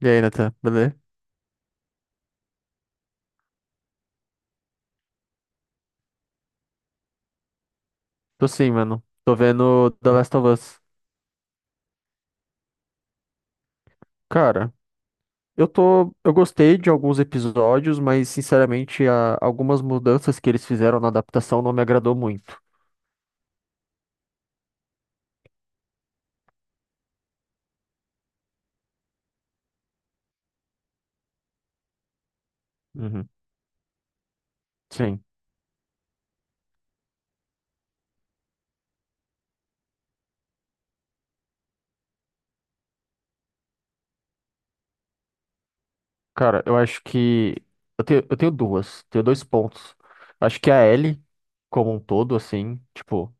E aí, Nathan, beleza? Tô sim, mano. Tô vendo The Last of Us. Cara, eu tô. Eu gostei de alguns episódios, mas sinceramente, algumas mudanças que eles fizeram na adaptação não me agradou muito. Uhum. Sim. Cara, eu acho que. Eu tenho duas. Tenho dois pontos. Acho que a Ellie, como um todo, assim, tipo,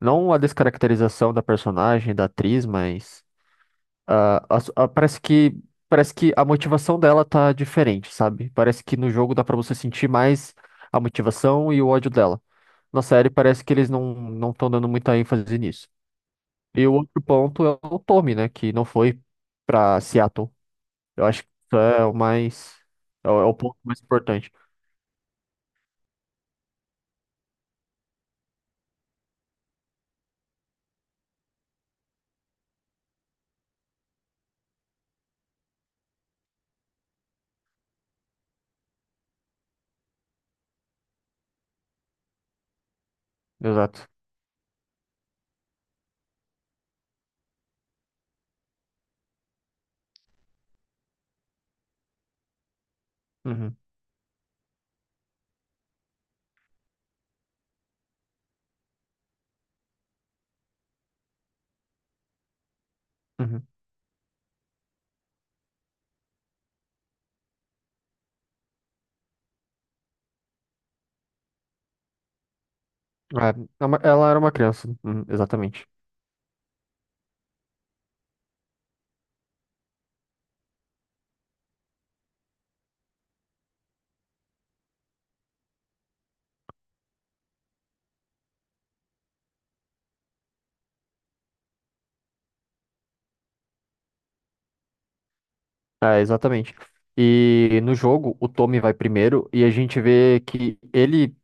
não a descaracterização da personagem, da atriz, mas. Ah, a su- ah, parece que parece que a motivação dela tá diferente, sabe? Parece que no jogo dá pra você sentir mais a motivação e o ódio dela. Na série parece que eles não estão dando muita ênfase nisso. E o outro ponto é o Tommy, né, que não foi pra Seattle. Eu acho que isso é o mais é o ponto mais importante. Exato. Uhum, uhum. É, é uma- ela era uma criança. Uhum, exatamente. É, exatamente. E no jogo, o Tommy vai primeiro e a gente vê que ele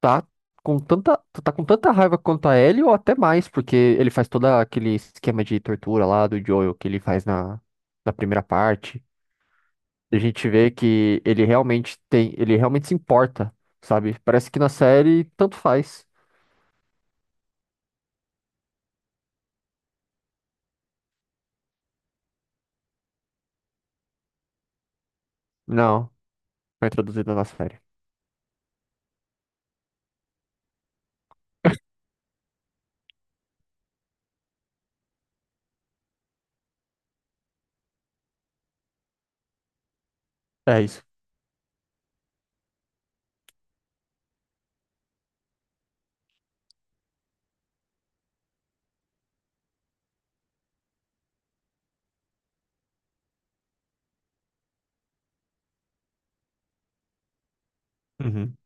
tá com tanta, tu tá com tanta raiva quanto a Ellie ou até mais, porque ele faz todo aquele esquema de tortura lá do Joel que ele faz na, na primeira parte. A gente vê que ele realmente tem, ele realmente se importa, sabe? Parece que na série tanto faz. Não, foi introduzido na série. É isso. Uhum.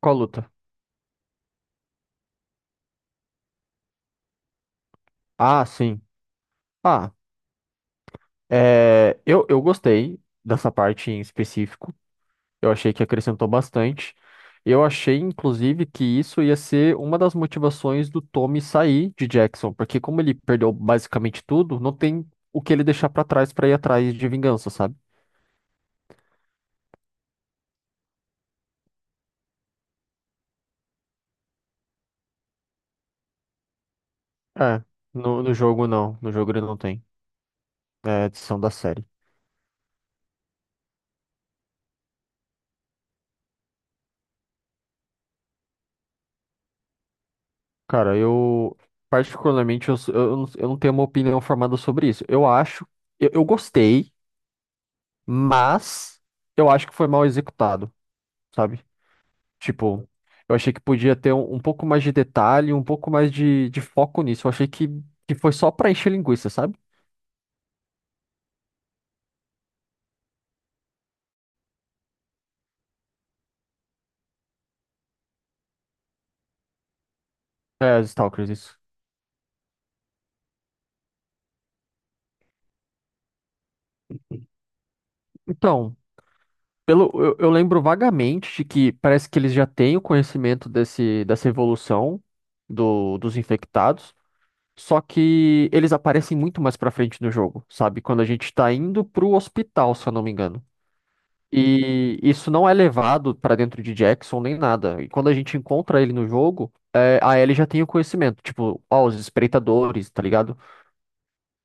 Qual luta? Ah, sim. Ah, é, eu gostei dessa parte em específico. Eu achei que acrescentou bastante. Eu achei, inclusive, que isso ia ser uma das motivações do Tommy sair de Jackson, porque como ele perdeu basicamente tudo, não tem o que ele deixar pra trás pra ir atrás de vingança, sabe? É, no, no jogo não, no jogo ele não tem. É a edição da série. Cara, eu particularmente eu, s- eu não tenho uma opinião formada sobre isso. Eu gostei, mas eu acho que foi mal executado, sabe? Tipo, eu achei que podia ter um, um pouco mais de detalhe, um pouco mais de foco nisso. Eu achei que foi só pra encher linguiça, sabe? É, os Stalkers, isso. Então, eu lembro vagamente de que parece que eles já têm o conhecimento desse, dessa evolução do, dos infectados, só que eles aparecem muito mais pra frente no jogo, sabe? Quando a gente tá indo pro hospital, se eu não me engano. E isso não é levado pra dentro de Jackson nem nada. E quando a gente encontra ele no jogo, é, a Ellie já tem o conhecimento, tipo, ó, os espreitadores, tá ligado?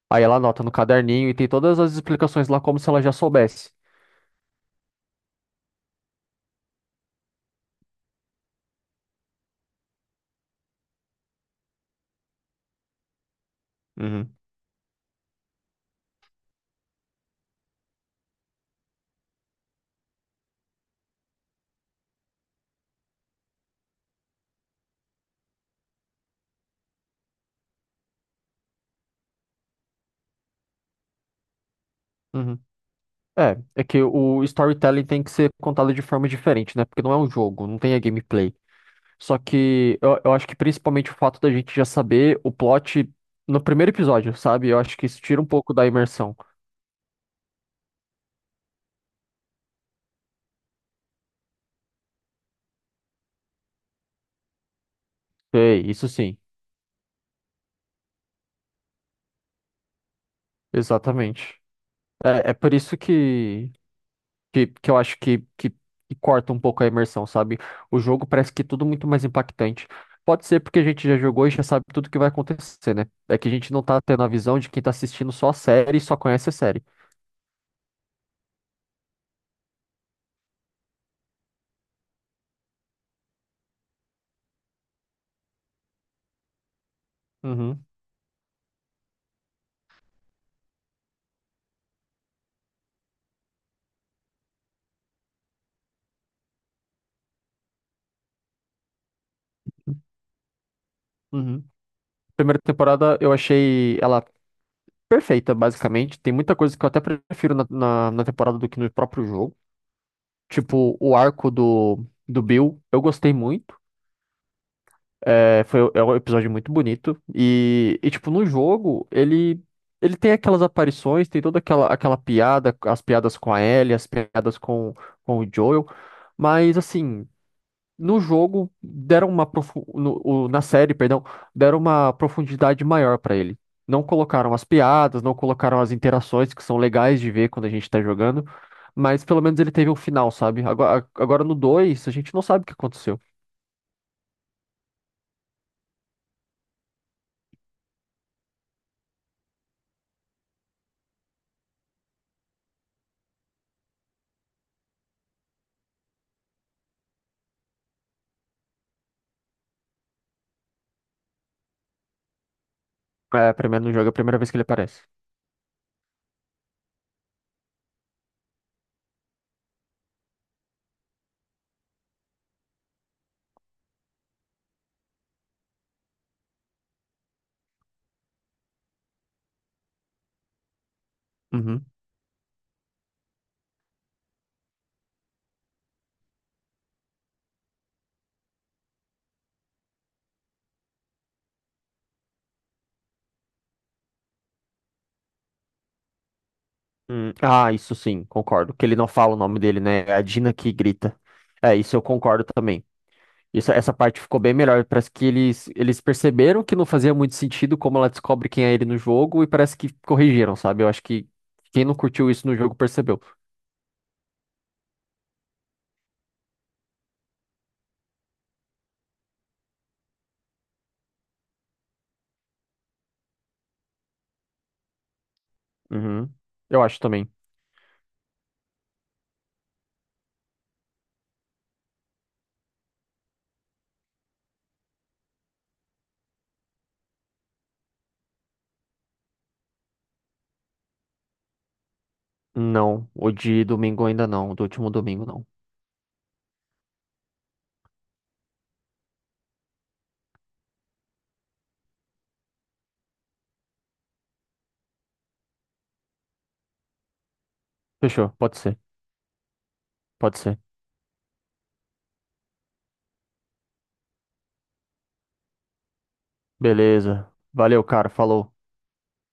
Aí ela anota no caderninho e tem todas as explicações lá como se ela já soubesse. Uhum, uhum. É, é que o storytelling tem que ser contado de forma diferente, né? Porque não é um jogo, não tem a gameplay. Só que eu acho que principalmente o fato da gente já saber o plot no primeiro episódio, sabe? Eu acho que isso tira um pouco da imersão. Sei, isso sim, exatamente. É, é por que eu acho que corta um pouco a imersão, sabe? O jogo parece que é tudo muito mais impactante. Pode ser porque a gente já jogou e já sabe tudo que vai acontecer, né? É que a gente não tá tendo a visão de quem tá assistindo só a série e só conhece a série. Uhum, uhum. Primeira temporada eu achei ela perfeita, basicamente. Tem muita coisa que eu até prefiro na temporada do que no próprio jogo. Tipo, o arco do Bill, eu gostei muito. É, foi, é um episódio muito bonito. E, tipo, no jogo, ele tem aquelas aparições, tem toda aquela, aquela piada, as piadas com a Ellie, as piadas com o Joel. Mas, assim, no jogo, deram uma profu- no, o- na série, perdão, deram uma profundidade maior pra ele. Não colocaram as piadas, não colocaram as interações, que são legais de ver quando a gente tá jogando. Mas pelo menos ele teve um final, sabe? Agora no 2 a gente não sabe o que aconteceu. É, primeiro no jogo, é a primeira vez que ele aparece. Uhum. Ah, isso sim, concordo. Que ele não fala o nome dele, né? É a Dina que grita. É, isso eu concordo também. Isso, essa parte ficou bem melhor. Parece que eles perceberam que não fazia muito sentido como ela descobre quem é ele no jogo e parece que corrigiram, sabe? Eu acho que quem não curtiu isso no jogo percebeu. Uhum. Eu acho também. Não, o de domingo ainda não, do último domingo não. Fechou, pode ser, pode ser. Beleza. Valeu, cara, falou.